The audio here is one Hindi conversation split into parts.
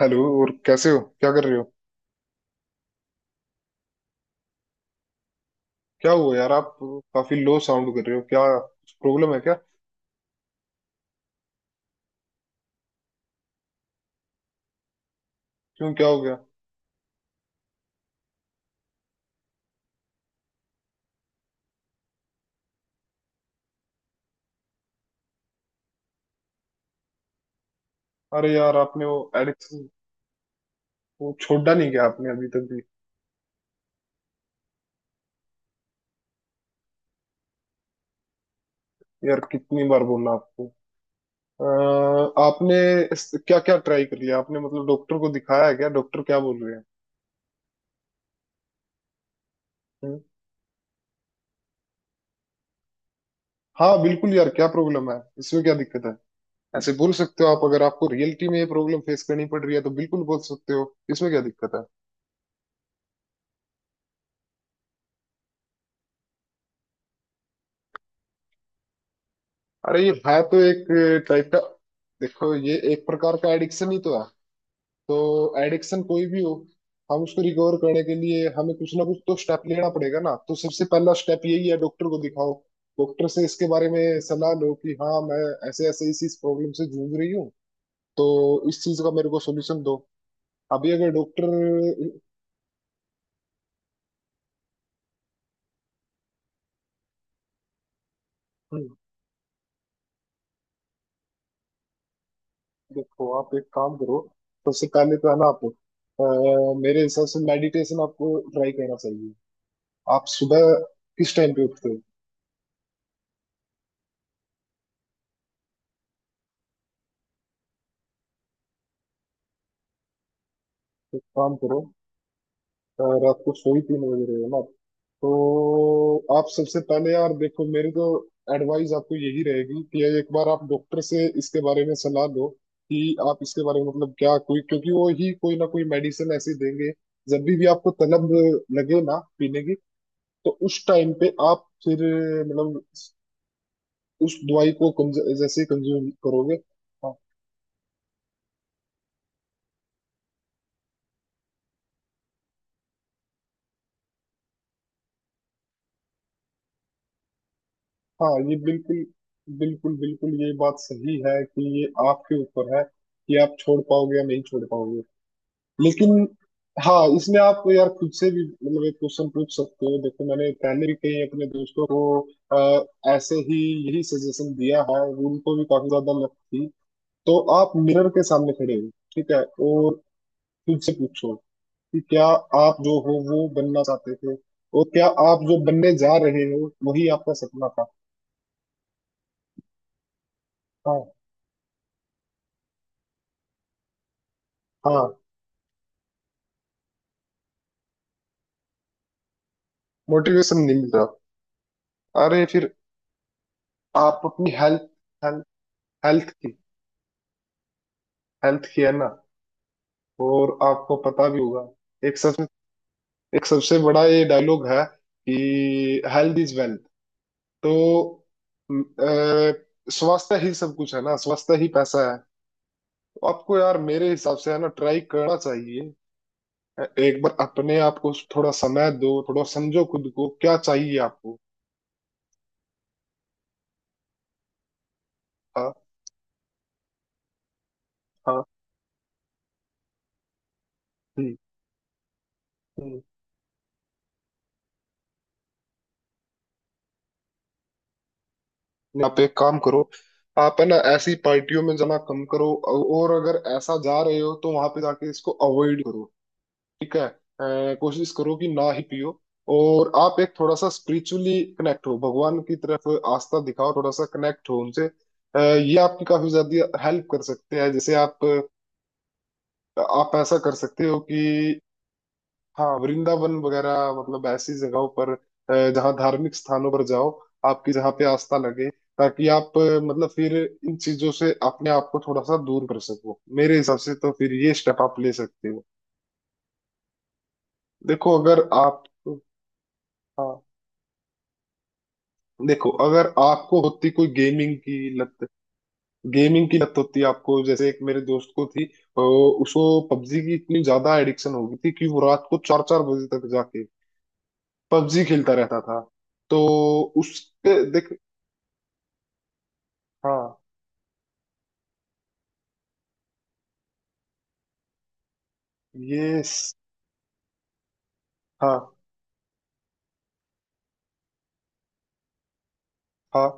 हेलो, और कैसे हो? क्या कर रहे हो? क्या हुआ यार, आप काफी लो साउंड कर रहे हो? क्या प्रॉब्लम है क्या? क्यों, क्या हो गया? अरे यार, आपने वो एडिक्शन वो छोड़ा नहीं क्या आपने अभी तक भी? यार कितनी बार बोलना आपको। आपने क्या क्या ट्राई कर लिया आपने? मतलब डॉक्टर को दिखाया है क्या? डॉक्टर क्या बोल रहे हैं? हम्म? हाँ बिल्कुल यार, क्या प्रॉब्लम है इसमें, क्या दिक्कत है? ऐसे बोल सकते हो आप। अगर आपको रियलिटी में ये प्रॉब्लम फेस करनी पड़ रही है तो बिल्कुल बोल सकते हो, इसमें क्या दिक्कत है? अरे ये है तो एक टाइप का। देखो, ये एक प्रकार का एडिक्शन ही तो है। तो एडिक्शन कोई भी हो, हम उसको रिकवर करने के लिए हमें कुछ ना कुछ तो स्टेप लेना पड़ेगा ना। तो सबसे पहला स्टेप यही है, डॉक्टर को दिखाओ। डॉक्टर से इसके बारे में सलाह लो कि हाँ मैं ऐसे ऐसे इस प्रॉब्लम से जूझ रही हूँ। तो इस चीज का मेरे को सोल्यूशन दो। अभी अगर डॉक्टर, देखो आप एक काम करो। सबसे पहले तो है ना, आप मेरे हिसाब से मेडिटेशन आपको ट्राई करना चाहिए। आप सुबह किस टाइम पे उठते हो? तो एक काम करो, रात को सो ही 3 बजे रहे हो ना? तो आप सबसे पहले यार, देखो मेरी तो एडवाइस आपको यही रहेगी कि एक बार आप डॉक्टर से इसके बारे में सलाह लो कि आप इसके बारे में मतलब क्या कोई, क्योंकि वो ही कोई ना कोई मेडिसिन ऐसी देंगे जब भी आपको तलब लगे ना पीने की, तो उस टाइम पे आप फिर मतलब उस दवाई को जैसे कंज्यूम करोगे, हाँ। हाँ ये बिल्कुल बिल्कुल बिल्कुल ये बात सही है कि ये आपके ऊपर है कि आप छोड़ पाओगे या नहीं छोड़ पाओगे। लेकिन हाँ, इसमें आप यार खुद से भी मतलब एक क्वेश्चन पूछ सकते हो। देखो मैंने पहले भी कई अपने दोस्तों को ऐसे ही यही सजेशन दिया है। उनको भी काफी ज्यादा लत थी। तो आप मिरर के सामने खड़े हो, ठीक है? और खुद से पूछो कि क्या आप जो हो वो बनना चाहते थे, और क्या आप जो बनने जा रहे हो वही आपका सपना था? हाँ, हाँ, मोटिवेशन नहीं मिल रहा। अरे फिर आप अपनी हेल्थ, हेल्थ, हेल्थ की, हेल्थ की है ना? और आपको पता भी होगा, एक सबसे एक सबसे बड़ा ये डायलॉग है कि हेल्थ इज वेल्थ। तो स्वास्थ्य ही सब कुछ है ना, स्वास्थ्य ही पैसा है। तो आपको यार मेरे हिसाब से है ना ट्राई करना चाहिए। एक बार अपने आप को थोड़ा समय दो, थोड़ा समझो खुद को क्या चाहिए आपको। हाँ, हाँ, हम्म, हम्म। आप एक काम करो, आप है ना ऐसी पार्टियों में जाना कम करो। और अगर ऐसा जा रहे हो तो वहां पे जाके इसको अवॉइड करो। ठीक है, कोशिश करो कि ना ही पियो। और आप एक थोड़ा सा स्पिरिचुअली कनेक्ट हो भगवान की तरफ। आस्था दिखाओ थोड़ा सा, कनेक्ट हो उनसे। ये आपकी काफी ज्यादा हेल्प कर सकते हैं। जैसे आप ऐसा कर सकते हो कि हाँ, वृंदावन वगैरह मतलब ऐसी जगहों पर, जहाँ धार्मिक स्थानों पर जाओ, आपकी जहाँ पे आस्था लगे, ताकि आप मतलब फिर इन चीजों से अपने आप को थोड़ा सा दूर कर सको। मेरे हिसाब से तो फिर ये स्टेप आप ले सकते हो। देखो अगर आप, हाँ देखो, अगर आपको होती कोई गेमिंग की लत, गेमिंग की लत होती आपको, जैसे एक मेरे दोस्त को थी, उसको पबजी की इतनी ज्यादा एडिक्शन हो गई थी कि वो रात को 4-4 बजे तक जाके पबजी खेलता रहता था। तो उसके देख हाँ, ये स- हाँ, हाँ,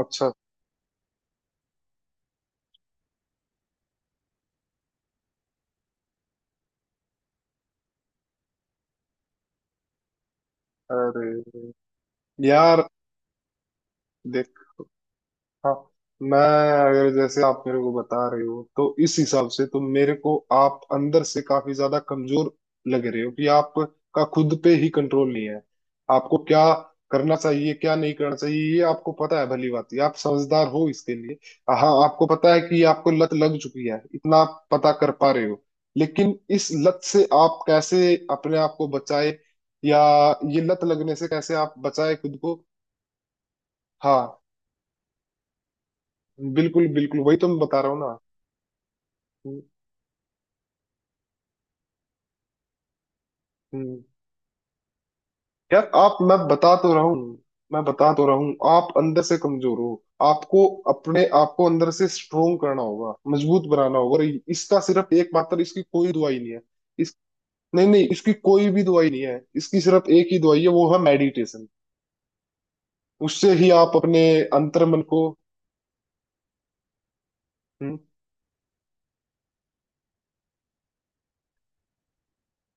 अच्छा, अरे यार देख हाँ, मैं अगर जैसे आप मेरे को बता रहे हो तो इस हिसाब से तो मेरे को आप अंदर से काफी ज्यादा कमजोर लग रहे हो कि आपका खुद पे ही कंट्रोल नहीं है। आपको क्या करना चाहिए क्या नहीं करना चाहिए ये आपको पता है, भली बात ही आप समझदार हो इसके लिए। हाँ आपको पता है कि ये आपको लत लग चुकी है, इतना आप पता कर पा रहे हो। लेकिन इस लत से आप कैसे अपने आप को बचाए, या ये लत लगने से कैसे आप बचाए खुद को? हाँ बिल्कुल बिल्कुल वही तो मैं बता रहा हूँ ना। हम्म, हम्म। यार आप, मैं बता तो रहा हूँ, मैं बता तो रहा हूँ, आप अंदर से कमजोर हो। आपको अपने आप को अंदर से स्ट्रोंग करना होगा, मजबूत बनाना होगा। और इसका सिर्फ एकमात्र, इसकी कोई दवाई नहीं है। इस नहीं नहीं, इसकी कोई भी दवाई नहीं है, इसकी सिर्फ एक ही दवाई है, वो है मेडिटेशन। उससे ही आप अपने अंतर्मन को, हम्म,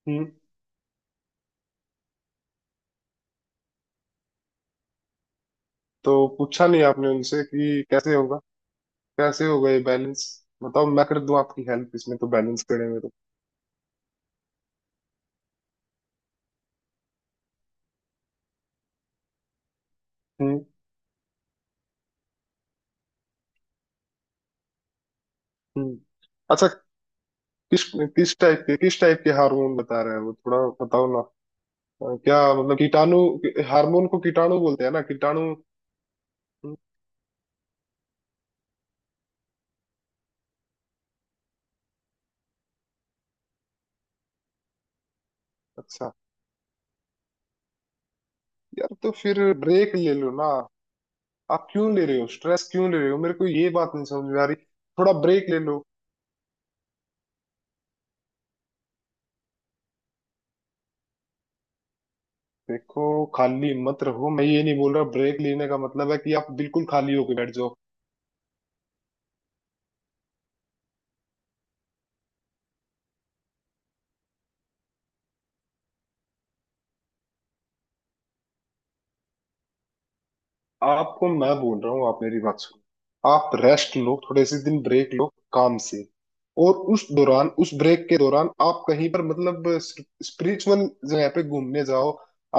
हम्म। तो पूछा नहीं आपने उनसे कि कैसे होगा? कैसे होगा ये बैलेंस? बताओ, मैं कर दूं आपकी हेल्प इसमें, तो बैलेंस करने में तो, हम्म, हम्म, अच्छा। किस किस टाइप के हार्मोन बता रहे हैं वो? थोड़ा बताओ ना। क्या मतलब कीटाणु? हार्मोन को कीटाणु बोलते हैं ना, कीटाणु? हम्म, अच्छा। यार तो फिर ब्रेक ले लो ना। आप क्यों ले रहे हो स्ट्रेस? क्यों ले रहे हो? मेरे को ये बात नहीं समझ में आ रही, थोड़ा ब्रेक ले लो। देखो, खाली मत रहो, मैं ये नहीं बोल रहा ब्रेक लेने का मतलब है कि आप बिल्कुल खाली होके बैठ जाओ। आपको मैं बोल रहा हूँ, आप मेरी बात सुनो। आप रेस्ट लो, थोड़े से दिन ब्रेक लो काम से। और उस दौरान, उस ब्रेक के दौरान आप कहीं पर मतलब स्पिरिचुअल जगह पे घूमने जाओ।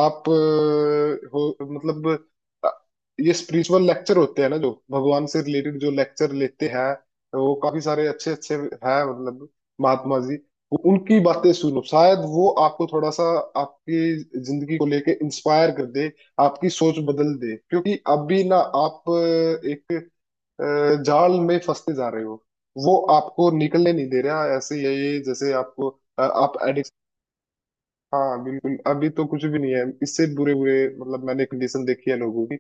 आप हो मतलब, अ, ये स्पिरिचुअल लेक्चर होते हैं ना जो भगवान से रिलेटेड जो लेक्चर लेते हैं, वो काफी सारे अच्छे अच्छे हैं मतलब। महात्मा जी, वो उनकी बातें सुनो, शायद वो आपको थोड़ा सा, आपकी जिंदगी को लेके इंस्पायर कर दे, आपकी सोच बदल दे। क्योंकि अभी ना, आप एक जाल में फंसते जा रहे हो, वो आपको निकलने नहीं दे रहा। ऐसे यही जैसे आपको, आप एडिक्ट, हाँ बिल्कुल, अभी तो कुछ भी नहीं है। इससे बुरे बुरे मतलब मैंने कंडीशन देखी है लोगों की।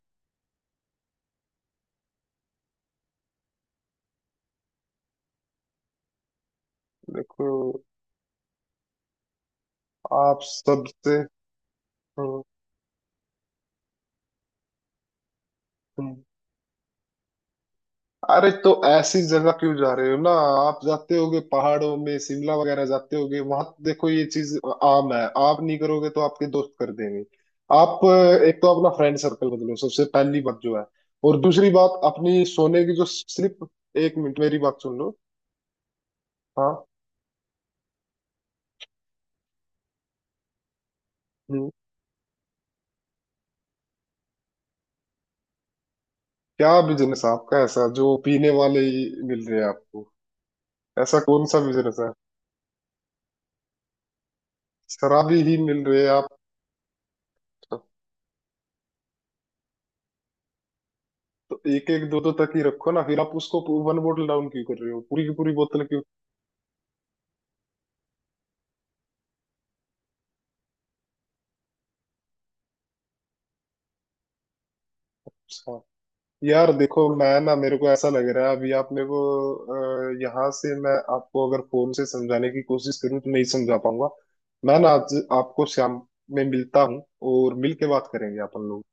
देखो, आप सबसे, हम्म, अरे तो ऐसी जगह क्यों जा रहे हो ना? आप जाते होगे पहाड़ों में, शिमला वगैरह जाते होगे, वहां देखो ये चीज आम है। आप नहीं करोगे तो आपके दोस्त कर देंगे। आप एक तो अपना फ्रेंड सर्कल बदलो सबसे पहली बात जो है। और दूसरी बात अपनी सोने की जो स्लिप, 1 मिनट मेरी बात सुन लो। हाँ, हम्म। क्या बिजनेस आपका ऐसा जो पीने वाले ही मिल रहे हैं आपको? ऐसा कौन सा बिजनेस है? शराबी ही मिल रहे हैं आप? तो एक एक दो दो तक ही रखो ना, फिर आप उसको वन बोतल डाउन क्यों कर रहे हो पूरी की पूरी बोतल? अच्छा। यार देखो, मैं ना मेरे को ऐसा लग रहा है अभी, आप मेरे को यहाँ से मैं आपको अगर फोन से समझाने की कोशिश करूँ तो नहीं समझा पाऊंगा। मैं ना आज आपको शाम में मिलता हूँ, और मिल के बात करेंगे अपन लोग।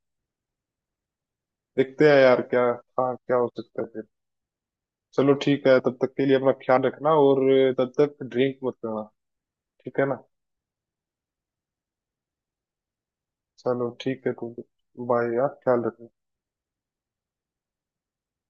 देखते हैं यार क्या, हाँ क्या हो सकता है फिर। चलो ठीक है, तब तक के लिए अपना ख्याल रखना। और तब तक ड्रिंक मत करना, ठीक है ना? चलो ठीक है तो, बाय यार, ख्याल रखना।